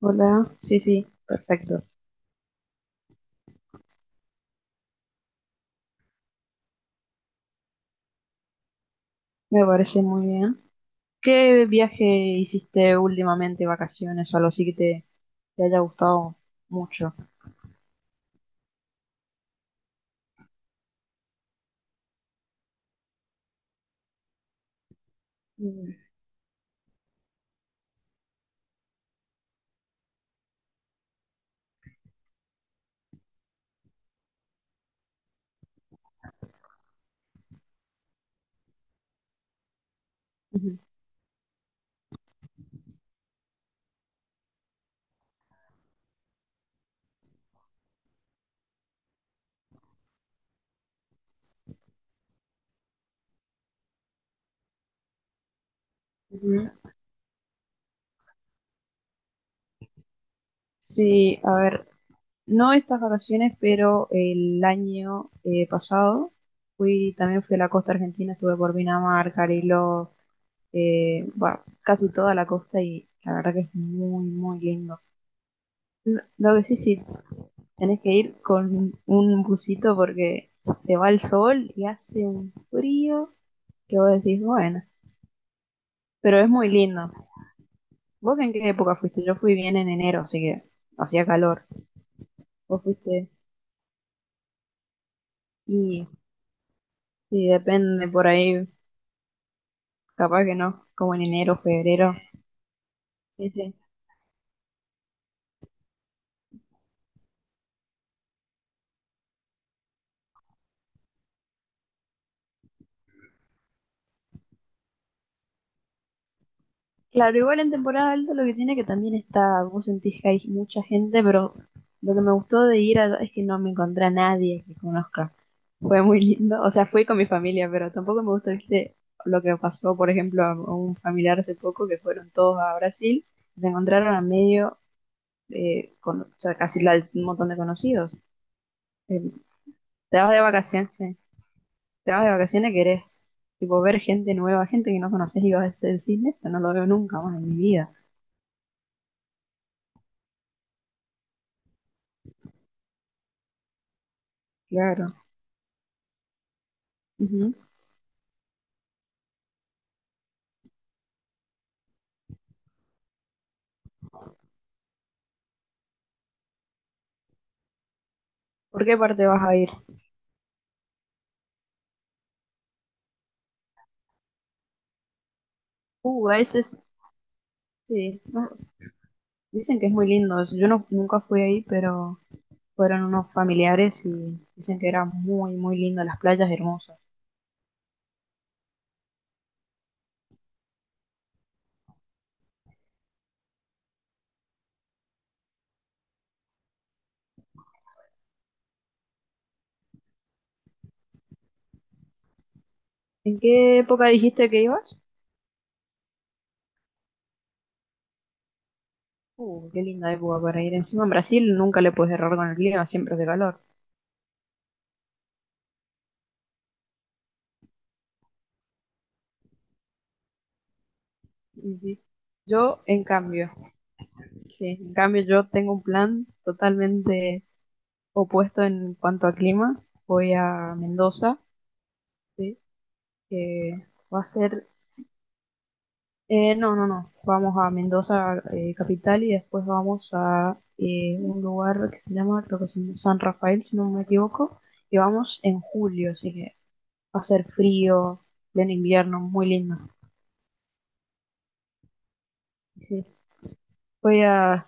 Hola, sí, sí, perfecto. Me parece muy bien. ¿Qué viaje hiciste últimamente, vacaciones o algo así que te haya gustado mucho? Mm, ujú, ujú. Sí, a ver, no estas vacaciones, pero el año pasado también fui a la costa argentina, estuve por Pinamar, Cariló, bueno, casi toda la costa y la verdad que es muy, muy lindo. Lo que sí, sí, tenés que ir con un busito porque se va el sol y hace un frío que vos decís, bueno, pero es muy lindo. ¿Vos en qué época fuiste? Yo fui bien en enero, así que hacía calor. Vos fuiste y sí, depende por ahí, capaz que no, como en enero, febrero. Sí, sí. Claro, igual en temporada alta lo que tiene que también está, vos sentís que hay mucha gente, pero lo que me gustó de ir allá es que no me encontré a nadie que conozca. Fue muy lindo, o sea, fui con mi familia, pero tampoco me gustó, viste, lo que pasó, por ejemplo, a un familiar hace poco que fueron todos a Brasil, se encontraron a medio, o sea, casi la- un montón de conocidos. Eh, te vas de vacaciones, sí. Te vas de vacaciones, querés, tipo, ver gente nueva, gente que no conoces y vas a hacer el cine, eso no lo veo nunca más en mi vida. Claro. Ujú. ¿Por qué parte vas a ir? A ese es- sí. No, dicen que es muy lindo. Yo no, nunca fui ahí, pero fueron unos familiares y dicen que era muy, muy lindo, las playas hermosas. ¿En qué época dijiste que ibas? Qué linda época para ir. Encima en Brasil nunca le puedes errar con el clima, siempre es de calor. Y sí. Yo, en cambio, sí, en cambio yo tengo un plan totalmente opuesto en cuanto a clima. Voy a Mendoza, sí, que va a ser… no, no, no. Vamos a Mendoza, capital, y después vamos a un lugar que se llama, creo que es San Rafael, si no me equivoco, y vamos en julio, así que va a ser frío, pleno invierno, muy lindo. Sí, voy a,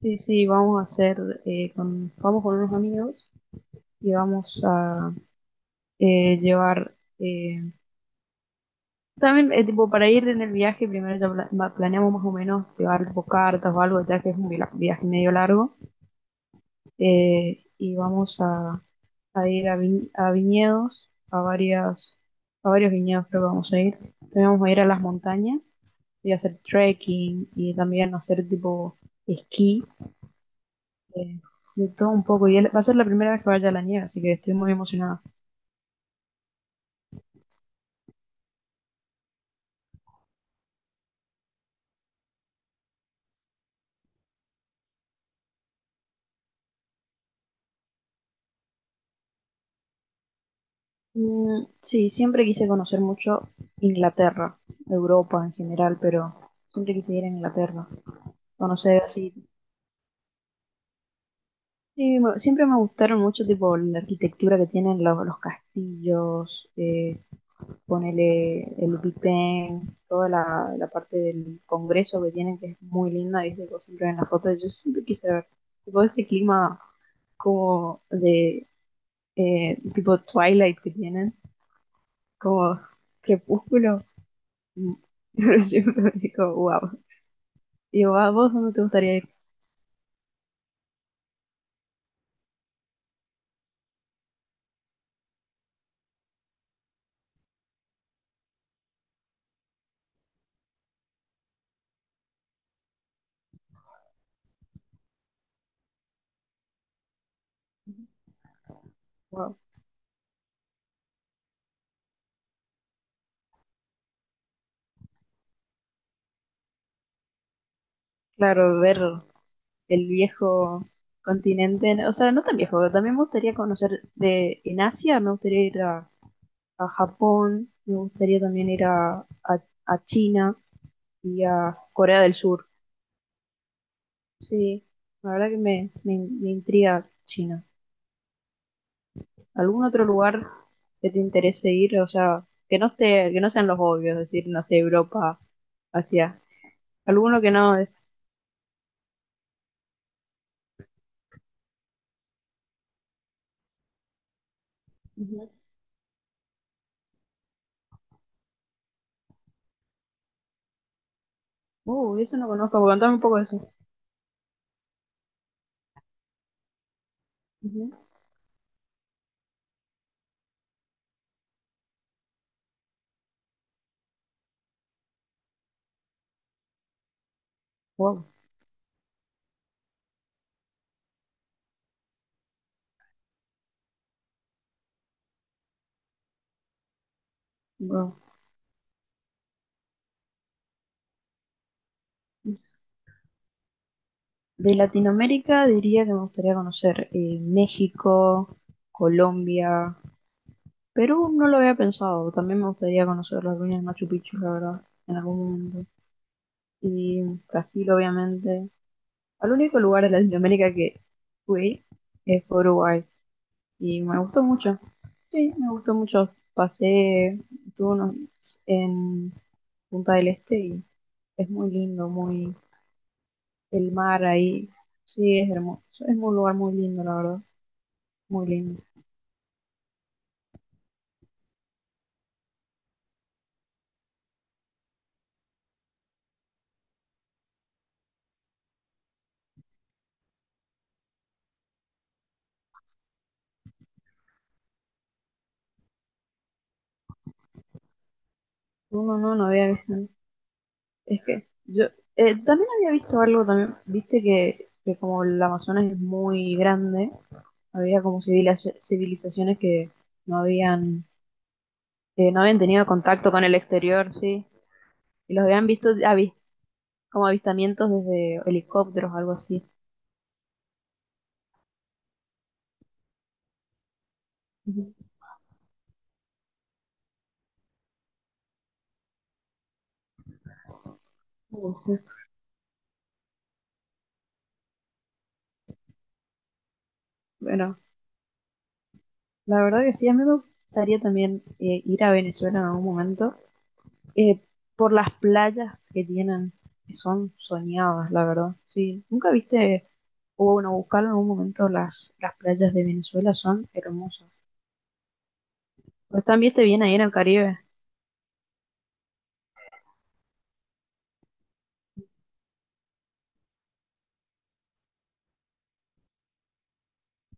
sí, sí, vamos a hacer, vamos con unos amigos y vamos a llevar, también, tipo, para ir en el viaje, primero ya pla- ma- planeamos más o menos llevar tipo, cartas o algo, ya que es un vila- viaje medio largo y vamos a ir a, vi- a viñedos, a varias, a varios viñedos creo que vamos a ir. También vamos a ir a las montañas y hacer trekking y también hacer tipo esquí, eh, de todo un poco. Y él- va a ser la primera vez que vaya a la nieve, así que estoy muy emocionada. Mm, sí, siempre quise conocer mucho Inglaterra, Europa en general, pero siempre quise ir a Inglaterra, conocer así… Sí, me- siempre me gustaron mucho, tipo, la arquitectura que tienen los castillos, ponele el Bipén, toda la parte del Congreso que tienen, que es muy linda, y se siempre en las fotos, yo siempre quise ver, tipo, ese clima como de, tipo, Twilight que tienen, como crepúsculo. Mm. Pero siempre me digo, wow, y digo, "Ah, ¿vos dónde te gustaría ir?" Wow. Claro, ver el viejo continente. O sea, no tan viejo, también me gustaría conocer de, en Asia, me gustaría ir a Japón, me gustaría también ir a China y a Corea del Sur. Sí, la verdad que me intriga China. ¿Algún otro lugar que te interese ir? O sea, que no esté, que no sean los obvios, es decir, no sé, Europa, Asia. Alguno que no. Ujú. Eso no conozco, contame un poco de eso. Ujú. Wow, wow. De Latinoamérica diría que me gustaría conocer México, Colombia, Perú no lo había pensado. También me gustaría conocer las ruinas de Machu Picchu, la verdad, en algún momento. Y Brasil, obviamente. Al único lugar de Latinoamérica que fui fue Uruguay. Y me gustó mucho. Sí, me gustó mucho. Pasé, estuve unos- en Punta del Este y es muy lindo, muy el mar ahí. Sí, es hermoso. Es un lugar muy lindo, la verdad. Muy lindo. No, no, no, no había visto. Es que yo también había visto algo también, viste que como el Amazonas es muy grande, había como civila- civilizaciones no habían, que no habían tenido contacto con el exterior, sí, y los habían visto avi- como avistamientos desde helicópteros o algo así. Ujú. Oh, sí. Bueno, la verdad que sí, a mí me gustaría también ir a Venezuela en algún momento, eh, por las playas que tienen, que son soñadas, la verdad. Sí, ¿nunca viste? O bueno, buscarlo en algún momento, las playas de Venezuela son hermosas. Pero también te viene ahí en el Caribe.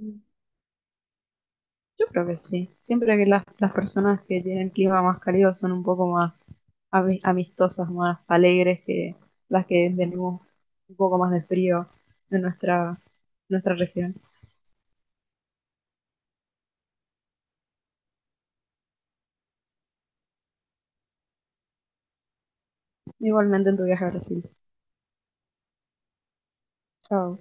Mm. Yo creo que sí. Siempre que las personas que tienen clima más cálido son un poco más ami- amistosas, más alegres que las que tenemos un poco más de frío en nuestra, nuestra región. Igualmente en tu viaje a Brasil. Chao.